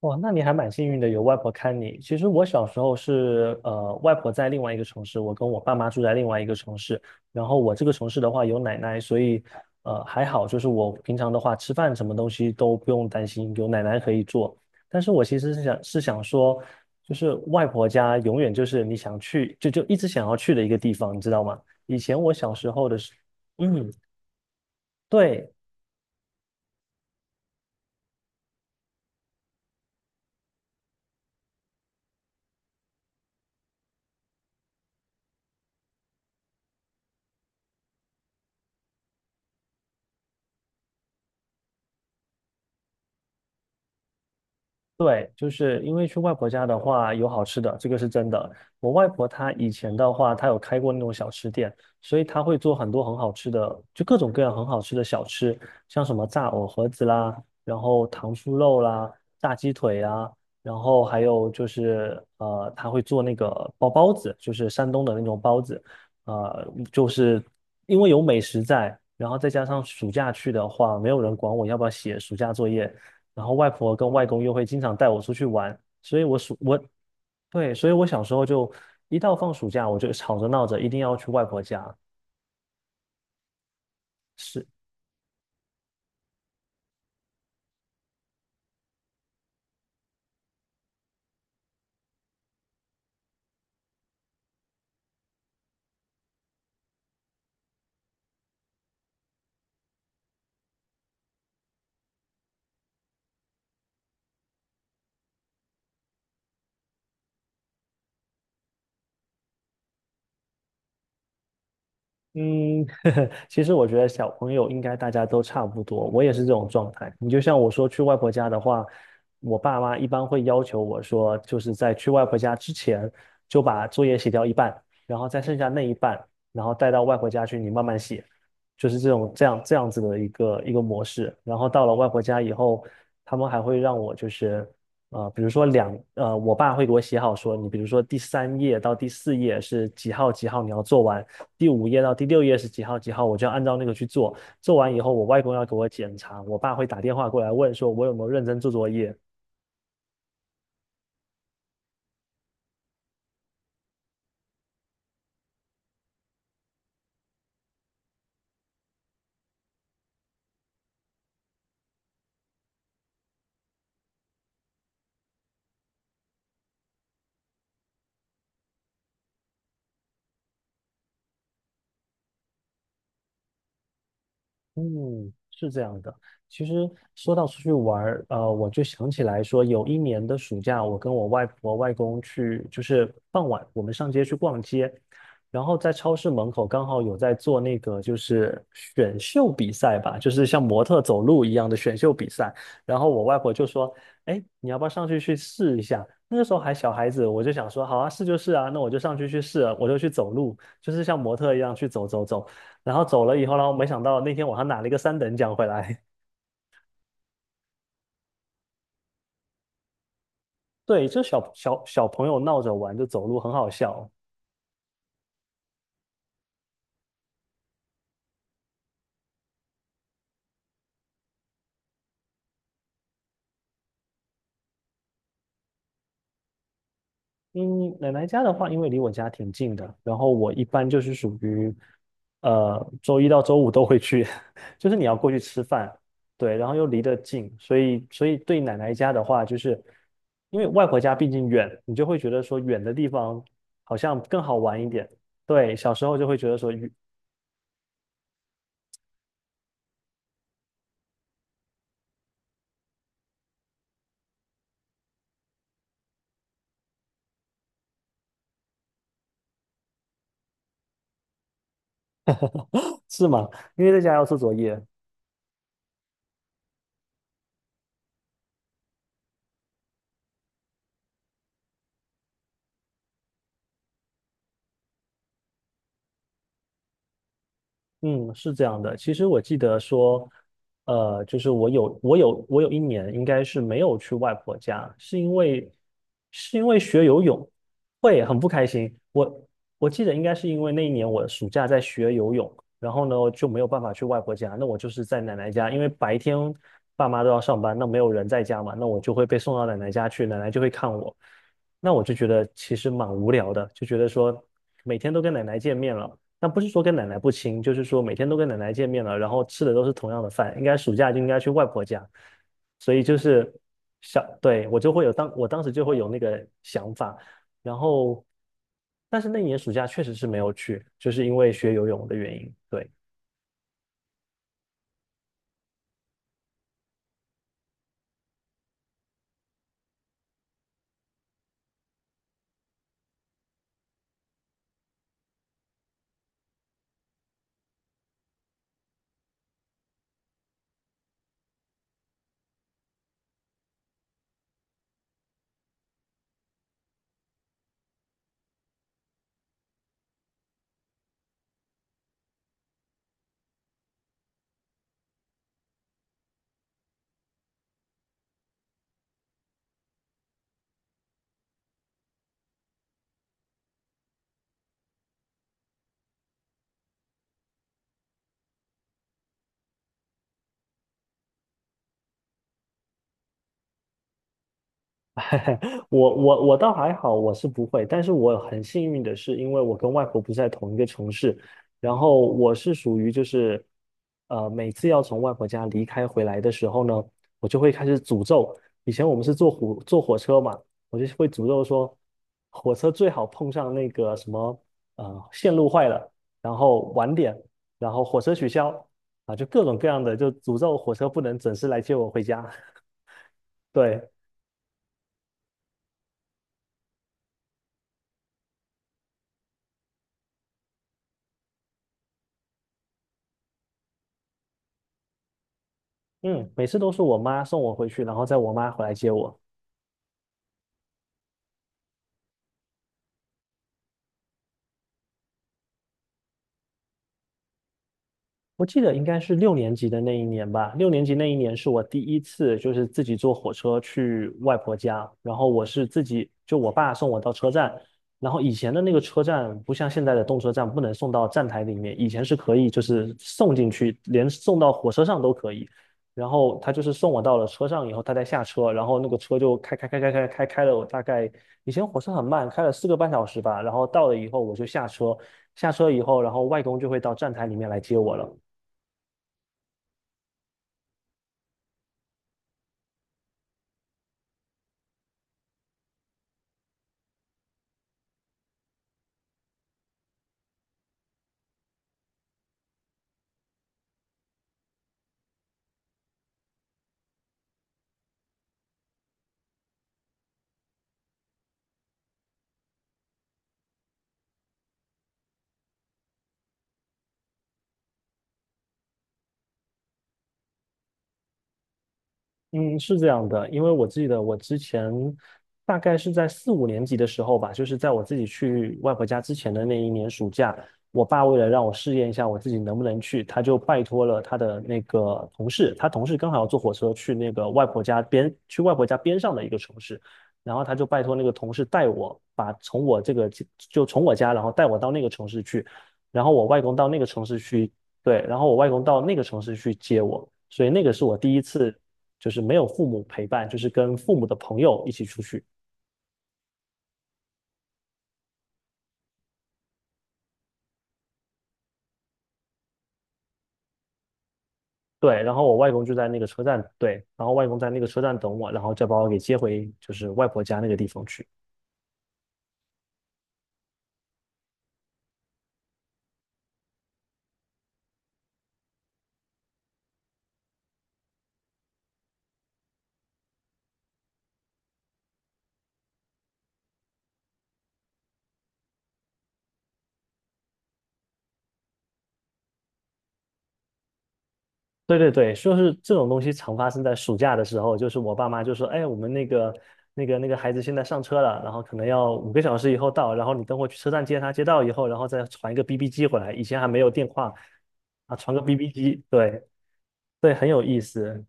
哇，那你还蛮幸运的，有外婆看你。其实我小时候是，外婆在另外一个城市，我跟我爸妈住在另外一个城市。然后我这个城市的话有奶奶，所以，还好，就是我平常的话吃饭什么东西都不用担心，有奶奶可以做。但是我其实是想说，就是外婆家永远就是你想去就一直想要去的一个地方，你知道吗？以前我小时候的时，嗯，对，对，就是因为去外婆家的话有好吃的，这个是真的。我外婆她以前的话，她有开过那种小吃店，所以她会做很多很好吃的，就各种各样很好吃的小吃，像什么炸藕盒子啦，然后糖醋肉啦，炸鸡腿啊，然后还有就是她会做那个包包子，就是山东的那种包子，就是因为有美食在，然后再加上暑假去的话，没有人管我要不要写暑假作业。然后外婆跟外公又会经常带我出去玩，所以我暑我对，所以我小时候就一到放暑假，我就吵着闹着一定要去外婆家。是。嗯，其实我觉得小朋友应该大家都差不多，我也是这种状态。你就像我说去外婆家的话，我爸妈一般会要求我说，就是在去外婆家之前就把作业写掉一半，然后再剩下那一半，然后带到外婆家去你慢慢写，就是这种这样子的一个一个模式。然后到了外婆家以后，他们还会让我就是比如说我爸会给我写好说，你比如说第三页到第四页是几号几号你要做完。第五页到第六页是几号几号，我就要按照那个去做。做完以后，我外公要给我检查，我爸会打电话过来问说，我有没有认真做作业。嗯，是这样的。其实说到出去玩儿，我就想起来说，有一年的暑假，我跟我外婆外公去，就是傍晚我们上街去逛街，然后在超市门口刚好有在做那个就是选秀比赛吧，就是像模特走路一样的选秀比赛。然后我外婆就说：“哎，你要不要上去去试一下？”那个时候还小孩子，我就想说：“好啊，试就试啊。”那我就上去去试了，我就去走路，就是像模特一样去走走走。然后走了以后，然后没想到那天我还拿了一个三等奖回来。对，就小朋友闹着玩，就走路很好笑。嗯，奶奶家的话，因为离我家挺近的，然后我一般就是属于，周一到周五都会去，就是你要过去吃饭，对，然后又离得近，所以对奶奶家的话，就是因为外婆家毕竟远，你就会觉得说远的地方好像更好玩一点。对，小时候就会觉得说远。 是吗？因为在家要做作业，嗯，是这样的。其实我记得说，就是我有一年应该是没有去外婆家，是因为是因为学游泳会很不开心。我记得应该是因为那一年我暑假在学游泳，然后呢就没有办法去外婆家，那我就是在奶奶家，因为白天爸妈都要上班，那没有人在家嘛，那我就会被送到奶奶家去，奶奶就会看我。那我就觉得其实蛮无聊的，就觉得说每天都跟奶奶见面了。但不是说跟奶奶不亲，就是说每天都跟奶奶见面了，然后吃的都是同样的饭，应该暑假就应该去外婆家，所以就是对，我当时就会有那个想法，然后，但是那一年暑假确实是没有去，就是因为学游泳的原因，对。我倒还好，我是不会，但是我很幸运的是，因为我跟外婆不是在同一个城市，然后我是属于就是，每次要从外婆家离开回来的时候呢，我就会开始诅咒。以前我们是坐火车嘛，我就会诅咒说，火车最好碰上那个什么，线路坏了，然后晚点，然后火车取消，啊，就各种各样的，就诅咒火车不能准时来接我回家。对。嗯，每次都是我妈送我回去，然后再我妈回来接我。我记得应该是六年级的那一年吧。六年级那一年是我第一次，就是自己坐火车去外婆家。然后我是自己，就我爸送我到车站。然后以前的那个车站不像现在的动车站，不能送到站台里面，以前是可以，就是送进去，连送到火车上都可以。然后他就是送我到了车上以后，他再下车，然后那个车就开了我大概以前火车很慢，开了4个半小时吧。然后到了以后我就下车，下车以后，然后外公就会到站台里面来接我了。嗯，是这样的，因为我记得我之前大概是在4、5年级的时候吧，就是在我自己去外婆家之前的那一年暑假，我爸为了让我试验一下我自己能不能去，他就拜托了他的那个同事，他同事刚好要坐火车去那个外婆家边，去外婆家边上的一个城市，然后他就拜托那个同事带我，把从我这个就从我家，然后带我到那个城市去，然后我外公到那个城市去，对，然后我外公到那个城市去接我。所以那个是我第一次就是没有父母陪伴，就是跟父母的朋友一起出去。对，然后我外公就在那个车站，对，然后外公在那个车站等我，然后再把我给接回就是外婆家那个地方去。对对对，就是这种东西常发生在暑假的时候，就是我爸妈就说，哎，我们那个孩子现在上车了，然后可能要5个小时以后到，然后你等会去车站接他，接到以后，然后再传一个 BB 机回来。以前还没有电话啊，传个 BB 机，对对，很有意思。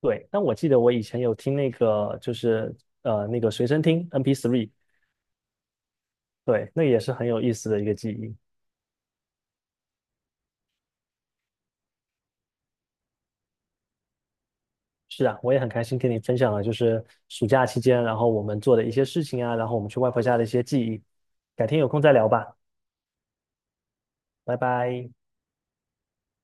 对，但我记得我以前有听那个，就是那个随身听 MP3，对，那也是很有意思的一个记忆。是啊，我也很开心跟你分享了，就是暑假期间，然后我们做的一些事情啊，然后我们去外婆家的一些记忆。改天有空再聊吧，拜拜。